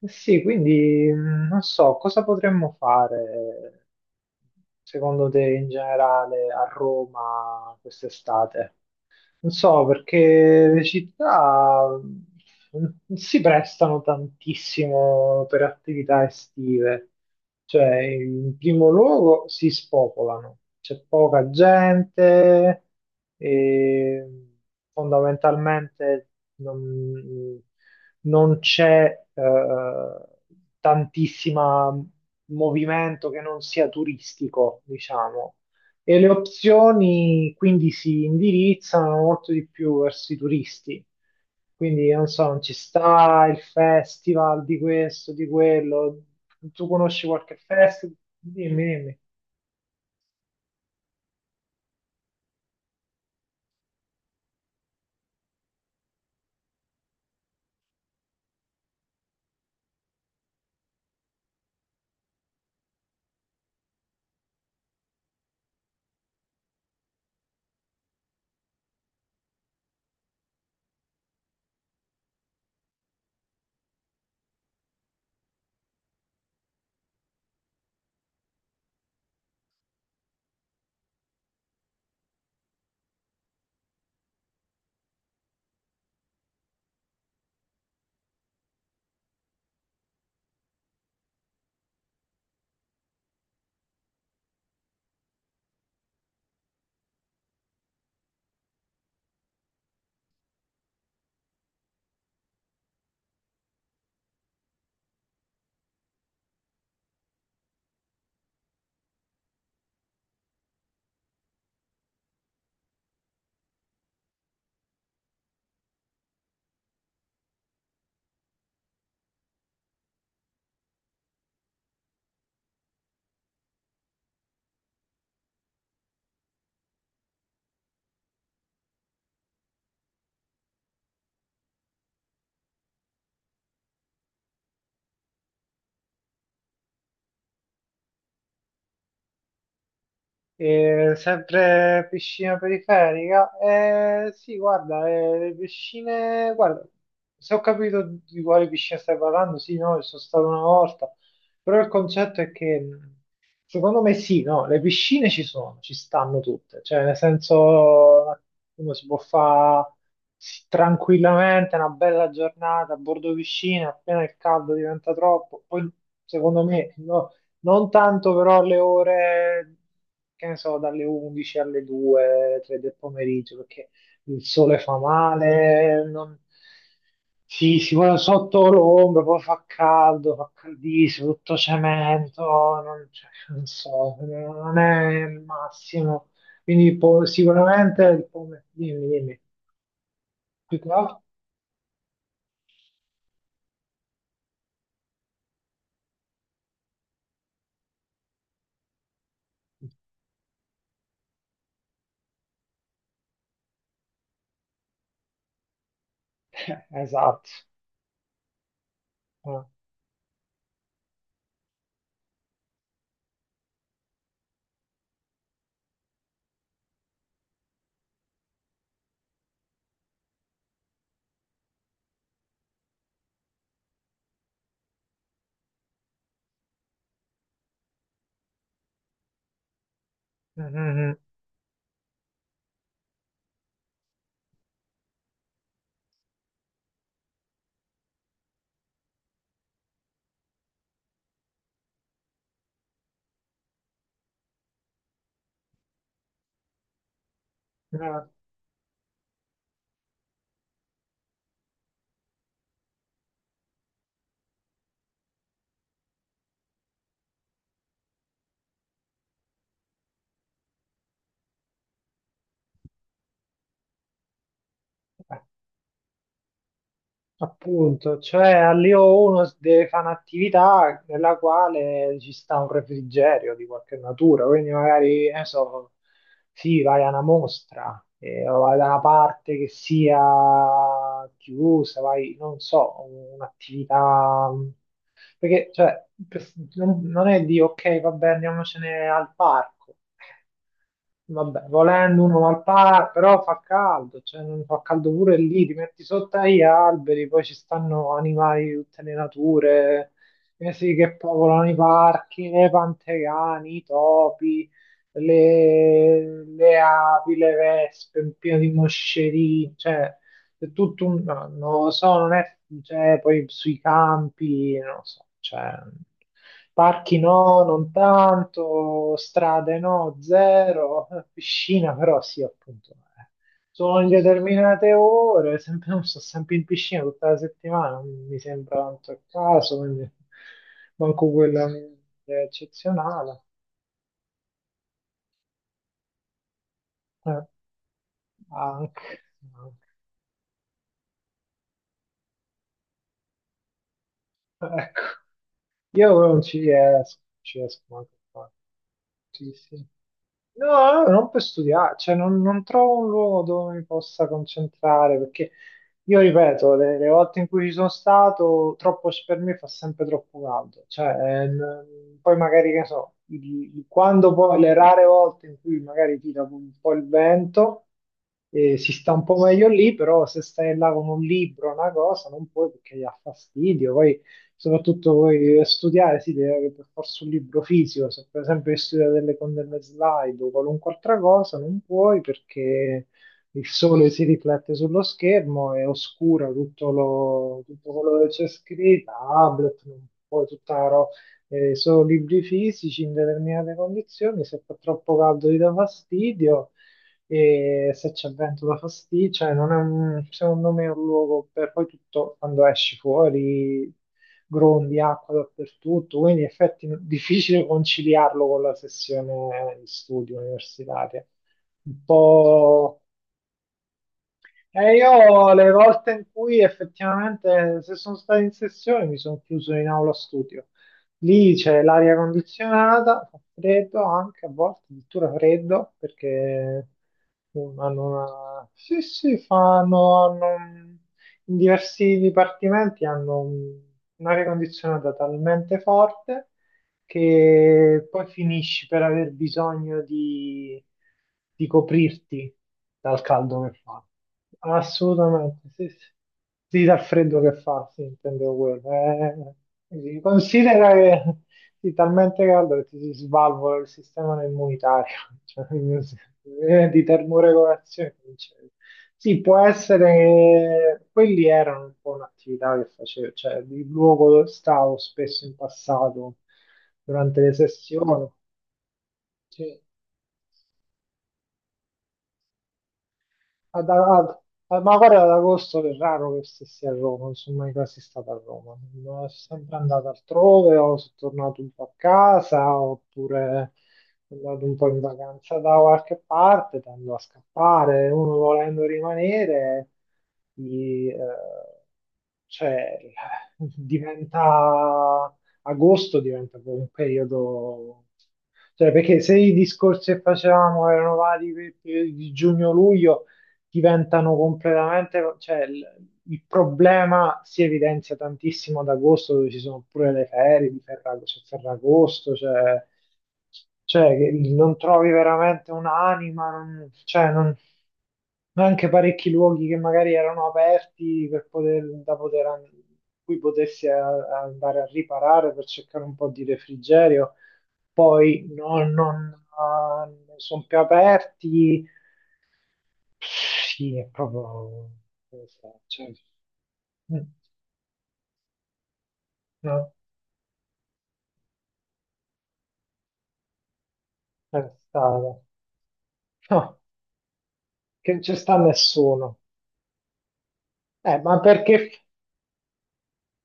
Eh sì, quindi non so cosa potremmo fare secondo te in generale a Roma quest'estate? Non so, perché le città non si prestano tantissimo per attività estive. Cioè, in primo luogo si spopolano, c'è poca gente e fondamentalmente non, non c'è tantissimo movimento che non sia turistico, diciamo, e le opzioni quindi si indirizzano molto di più verso i turisti. Quindi non so, non ci sta il festival di questo, di quello. Tu conosci qualche festival? Dimmi, dimmi. E sempre piscina periferica? Sì, guarda, le piscine, guarda, se ho capito di quale piscina stai parlando, sì, no, ci sono stato una volta, però il concetto è che secondo me sì, no, le piscine ci sono, ci stanno tutte, cioè nel senso uno si può fare sì, tranquillamente una bella giornata a bordo piscina, appena il caldo diventa troppo, poi secondo me no, non tanto però alle ore, che ne so, dalle 11 alle 2, 3 del pomeriggio, perché il sole fa male, non. Si vuole sotto l'ombra, poi fa caldo, fa caldissimo, tutto cemento, non, cioè, non so, non è il massimo. Quindi sicuramente il pomeriggio, dimmi, dimmi, più che altro- Esatto. Eh. Mhm. Eh. Appunto, cioè all'io 1 deve fare un'attività nella quale ci sta un refrigerio di qualche natura, quindi magari, che ne so, sì, vai a una mostra, o vai da una parte che sia chiusa, vai, non so, un'attività. Perché, cioè, non è di, ok, vabbè, andiamocene al parco. Vabbè, volendo uno al parco, però fa caldo, cioè non fa caldo pure lì, ti metti sotto agli alberi, poi ci stanno animali di tutte le nature, eh sì, che popolano i parchi, le pantegani, i topi, le api, le vespe, un pieno di moscerini, cioè è tutto un, no, non lo so, non è. Cioè poi sui campi, non lo so, cioè. Parchi no, non tanto, strade no, zero, piscina però sì, appunto. Eh. Sono in determinate ore, sempre, sono sempre in piscina tutta la settimana, non mi sembra tanto il caso, quindi manco quella è eccezionale. Eh, anche, anche. Ecco. Io non ci riesco, non ci riesco manco a fare. Sì, sì. No, no, non per studiare, cioè non trovo un luogo dove mi possa concentrare, perché io ripeto, le volte in cui ci sono stato, troppo per me fa sempre troppo caldo, cioè poi magari che ne so, quando poi le rare volte in cui magari tira un po' il vento, si sta un po' meglio lì, però se stai là con un libro, una cosa, non puoi perché gli ha fastidio, poi soprattutto voi studiare si deve avere per forza un libro fisico, se per esempio devi studiare delle condanne slide o qualunque altra cosa non puoi perché il sole si riflette sullo schermo e oscura tutto, tutto quello che c'è scritto, tablet, non puoi tutta la ro- solo libri fisici in determinate condizioni, se fa troppo caldo ti dà fastidio e se c'è vento da fastidio, cioè non è un, secondo me è un luogo per poi tutto quando esci fuori grondie, acqua dappertutto, quindi in effetti è difficile conciliarlo con la sessione di studio universitaria. Un po'. E io le volte in cui effettivamente, se sono stato in sessione, mi sono chiuso in aula studio. Lì c'è l'aria condizionata, fa freddo anche, a volte addirittura freddo, perché hanno una. Sì, sì, fanno. In diversi dipartimenti hanno un'aria condizionata talmente forte che poi finisci per aver bisogno di, coprirti dal caldo che fa. Assolutamente, sì, sì. Sì, dal freddo che fa, sì, intendevo quello. Sì, considera che sì, talmente caldo che ti si svalvola il sistema immunitario, cioè, di termoregolazione. Non c'è. Sì, può essere che quelli erano un po' un'attività che facevo, cioè il luogo dove stavo spesso in passato durante le sessioni. Sì. Ad- ad- ad- eh, ma guarda, ad agosto è raro che stessi a Roma, non sono mai quasi stato a Roma, sono sempre andato altrove, o sono tornato un po' a casa, oppure sono andato un po' in vacanza da qualche parte, tendo a scappare, uno volendo rimanere, gli, eh, cioè, diventa agosto diventa poi un periodo, cioè perché se i discorsi che facevamo erano vari di giugno-luglio, diventano completamente, cioè il problema si evidenzia tantissimo ad agosto dove ci sono pure le ferie di c'è Ferragosto, cioè che non trovi veramente un'anima, non, cioè non, anche parecchi luoghi che magari erano aperti per poter, da poter cui potessi a andare a riparare per cercare un po' di refrigerio, poi non, ah, non sono più aperti, sì, è proprio, non so, cioè, mm, no, per strada. No, che non ci sta nessuno. Ma perché,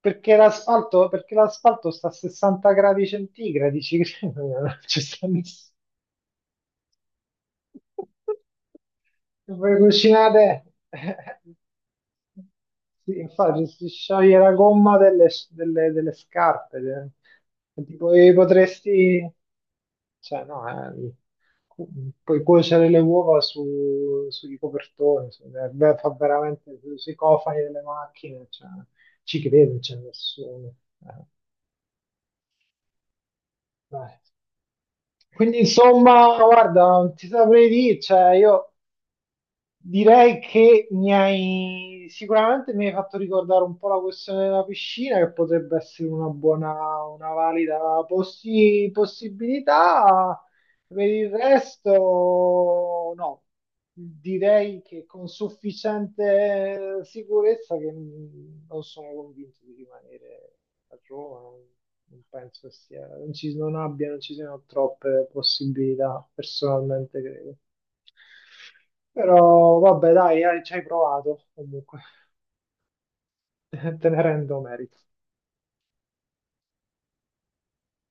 perché l'asfalto perché l'asfalto sta a 60 gradi centigradi? Ci, credo, non ci sta nessuno. Voi cucinate, sì, infatti si scioglie la gomma delle scarpe, e tipo, e potresti, cioè no, cu- puoi cuocere le uova sui copertoni, beh, fa veramente sui cofani delle macchine, cioè, ci crede, c'è nessuno. Eh, dai. Quindi insomma, guarda, non ti saprei dire, cioè io. Direi che mi hai sicuramente mi hai fatto ricordare un po' la questione della piscina, che potrebbe essere una buona, una valida possibilità. Per il resto, no, direi che con sufficiente sicurezza che non sono convinto di rimanere a Roma, non penso che sia, non ci, non abbia, non ci siano troppe possibilità, personalmente credo. Però vabbè, dai, ci hai provato comunque, te ne rendo merito.